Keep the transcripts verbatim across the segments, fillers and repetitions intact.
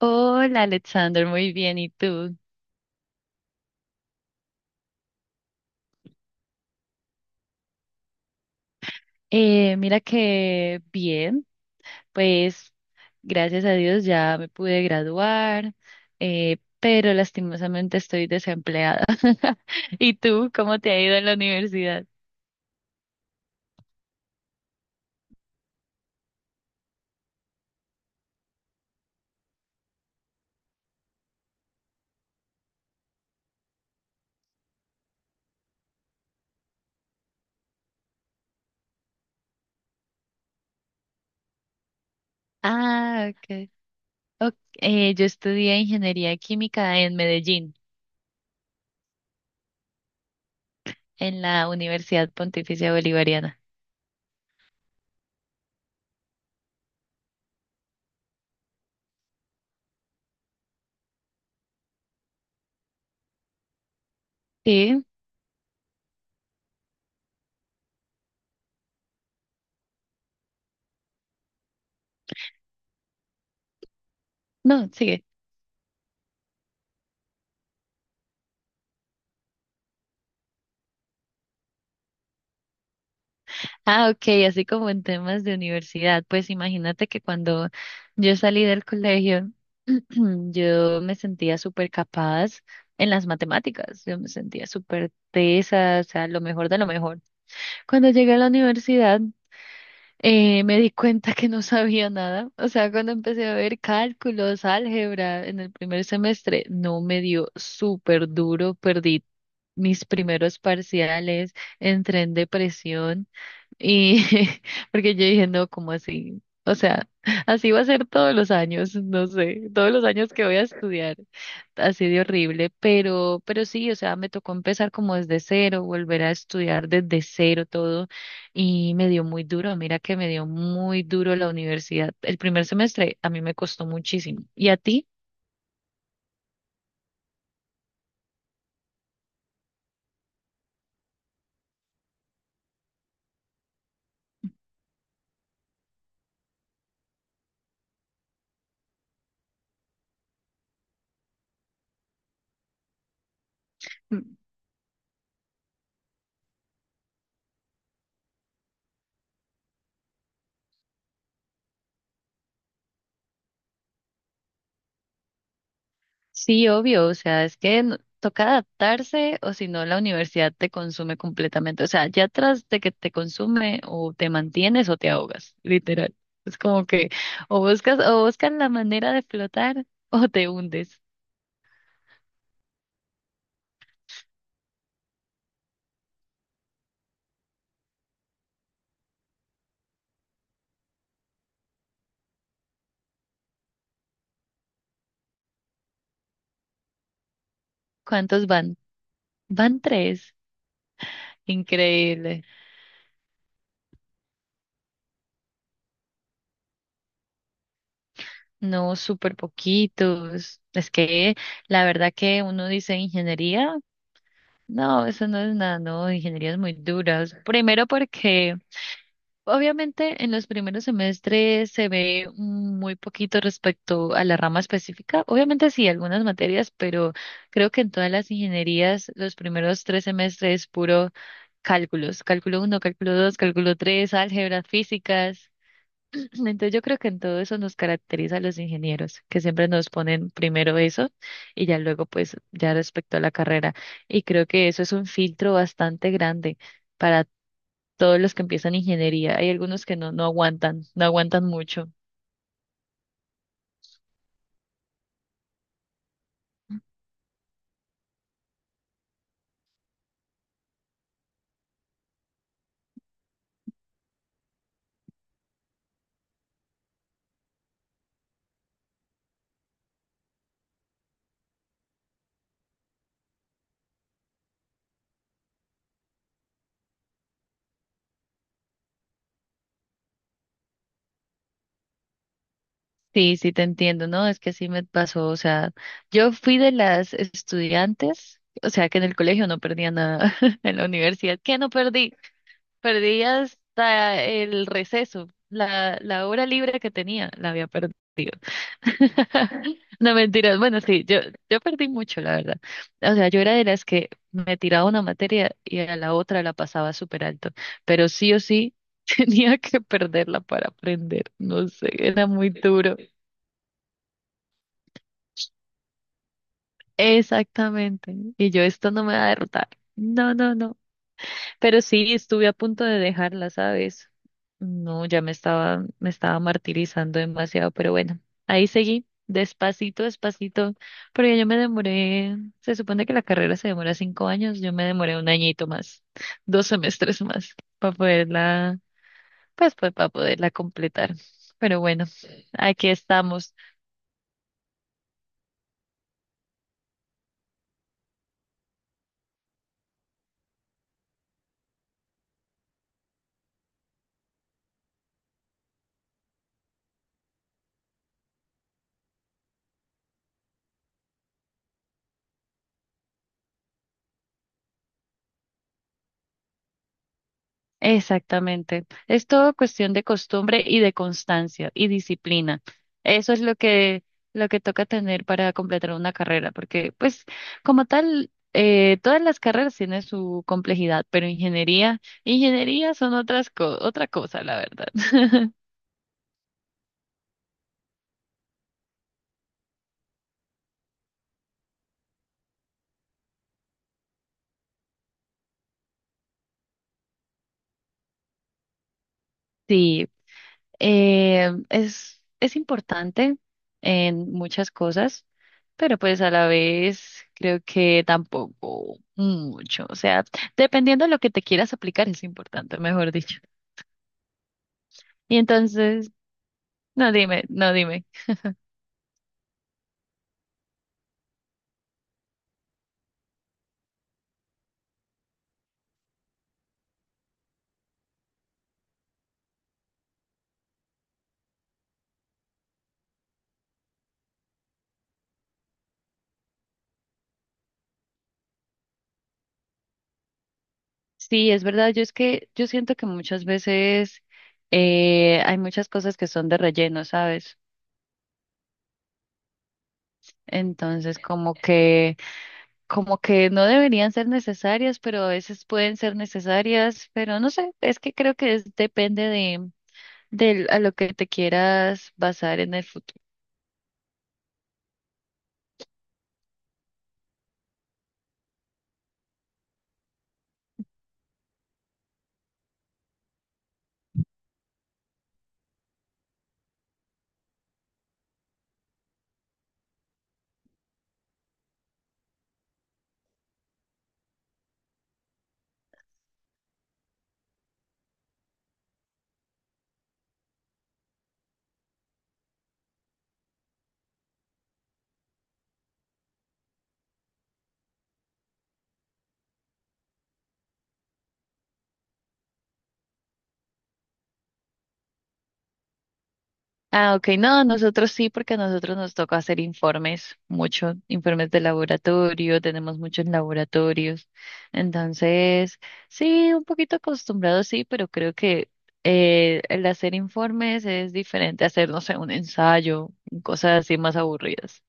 Hola Alexander, muy bien. ¿Y tú? Eh, mira que bien, pues gracias a Dios ya me pude graduar, eh, pero lastimosamente estoy desempleada. ¿Y tú? ¿Cómo te ha ido en la universidad? Ah, ok. Ok, eh, yo estudié ingeniería química en Medellín, en la Universidad Pontificia Bolivariana. Sí, no, sigue. Ah, ok, así como en temas de universidad. Pues imagínate que cuando yo salí del colegio, yo me sentía súper capaz en las matemáticas, yo me sentía súper tesa, o sea, lo mejor de lo mejor. Cuando llegué a la universidad, eh, me di cuenta que no sabía nada. O sea, cuando empecé a ver cálculos, álgebra en el primer semestre, no me dio súper duro, perdí mis primeros parciales, entré en depresión. Y porque yo dije, no, ¿cómo así? O sea, así va a ser todos los años, no sé, todos los años que voy a estudiar, así de horrible, pero, pero sí, o sea, me tocó empezar como desde cero, volver a estudiar desde cero todo, y me dio muy duro, mira que me dio muy duro la universidad. El primer semestre a mí me costó muchísimo. ¿Y a ti? Sí, obvio, o sea, es que no- toca adaptarse o si no la universidad te consume completamente, o sea, ya tras de que te consume o te mantienes o te ahogas, literal. Es como que o buscas o buscas la manera de flotar o te hundes. ¿Cuántos van? Van tres. Increíble. No, súper poquitos. Es que la verdad que uno dice ingeniería, no, eso no es nada, no, ingeniería es muy dura. Primero porque obviamente, en los primeros semestres se ve mm, muy poquito respecto a la rama específica. Obviamente sí, algunas materias, pero creo que en todas las ingenierías los primeros tres semestres es puro cálculos, cálculo uno, cálculo dos, cálculo tres, álgebras, físicas. Entonces yo creo que en todo eso nos caracteriza a los ingenieros, que siempre nos ponen primero eso y ya luego pues ya respecto a la carrera. Y creo que eso es un filtro bastante grande para todos los que empiezan ingeniería. Hay algunos que no, no aguantan, no aguantan mucho. Sí, sí te entiendo, ¿no? Es que sí me pasó, o sea, yo fui de las estudiantes, o sea, que en el colegio no perdía nada, en la universidad, ¿qué no perdí? Perdí hasta el receso, la, la hora libre que tenía, la había perdido. No mentiras, bueno, sí, yo, yo perdí mucho, la verdad. O sea, yo era de las que me tiraba una materia y a la otra la pasaba súper alto, pero sí o sí tenía que perderla para aprender, no sé, era muy duro. Exactamente. Y yo, esto no me va a derrotar. No, no, no. Pero sí, estuve a punto de dejarla, ¿sabes? No, ya me estaba, me estaba martirizando demasiado, pero bueno, ahí seguí, despacito, despacito, porque yo me demoré, se supone que la carrera se demora cinco años, yo me demoré un añito más, dos semestres más, para poderla, pues, pues para poderla completar. Pero bueno, aquí estamos. Exactamente. Es todo cuestión de costumbre y de constancia y disciplina. Eso es lo que, lo que toca tener para completar una carrera, porque pues como tal, eh, todas las carreras tienen su complejidad, pero ingeniería, ingeniería son otras co- otra cosa, la verdad. Sí, Eh, es, es importante en muchas cosas, pero pues a la vez creo que tampoco mucho. O sea, dependiendo de lo que te quieras aplicar es importante, mejor dicho. Y entonces, no dime, no dime. Sí, es verdad, yo es que yo siento que muchas veces eh, hay muchas cosas que son de relleno, ¿sabes? Entonces, como que... como que no deberían ser necesarias, pero a veces pueden ser necesarias, pero no sé, es que creo que es- depende de, del- a lo que te quieras basar en el futuro. Ah, ok, no, nosotros sí, porque a nosotros nos toca hacer informes, muchos informes de laboratorio, tenemos muchos laboratorios, entonces sí, un poquito acostumbrado sí, pero creo que eh, el hacer informes es diferente a hacer, no sé, un ensayo, cosas así más aburridas.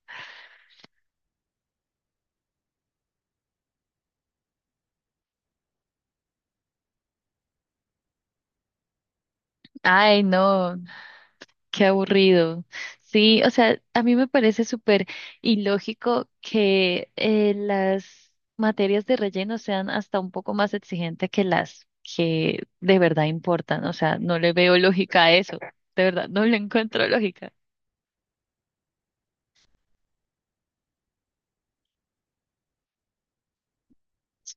Ay, no. Qué aburrido. Sí, o sea, a mí me parece súper ilógico que eh, las materias de relleno sean hasta un poco más exigentes que las que de verdad importan. O sea, no le veo lógica a eso. De verdad, no le encuentro lógica.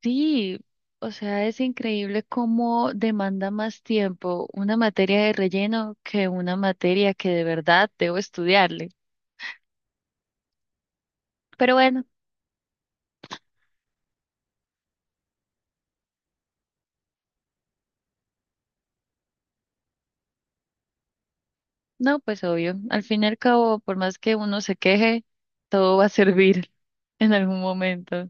Sí, o sea, es increíble cómo demanda más tiempo una materia de relleno que una materia que de verdad debo estudiarle. Pero bueno. No, pues obvio. Al fin y al cabo, por más que uno se queje, todo va a servir en algún momento.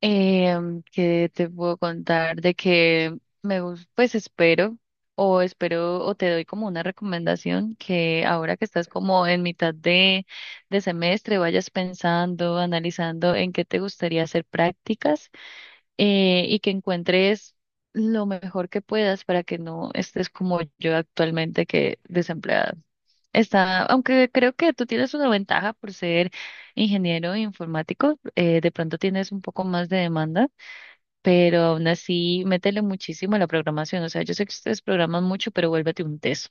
Em, ¿qué te puedo contar? De que me gusta, pues espero, o espero, o te doy como una recomendación que ahora que estás como en mitad de, de semestre, vayas pensando, analizando en qué te gustaría hacer prácticas eh, y que encuentres lo mejor que puedas para que no estés como yo actualmente que desempleada. Está, aunque creo que tú tienes una ventaja por ser ingeniero informático, eh, de pronto tienes un poco más de demanda, pero aún así métele muchísimo a la programación. O sea, yo sé que ustedes programan mucho, pero vuélvete un teso,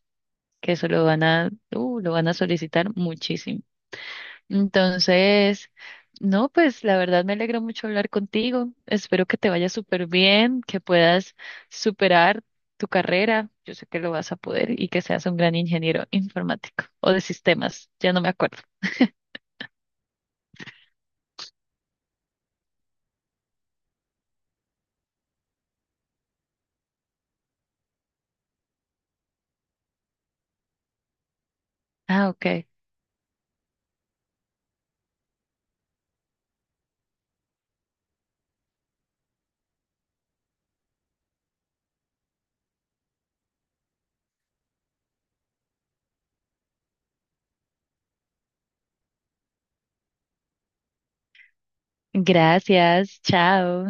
que eso lo van a, uh, lo van a solicitar muchísimo. Entonces, no, pues la verdad me alegra mucho hablar contigo. Espero que te vaya súper bien, que puedas superar tu carrera. Yo sé que lo vas a poder y que seas un gran ingeniero informático o de sistemas, ya no me acuerdo. Ah, ok. Gracias, chao.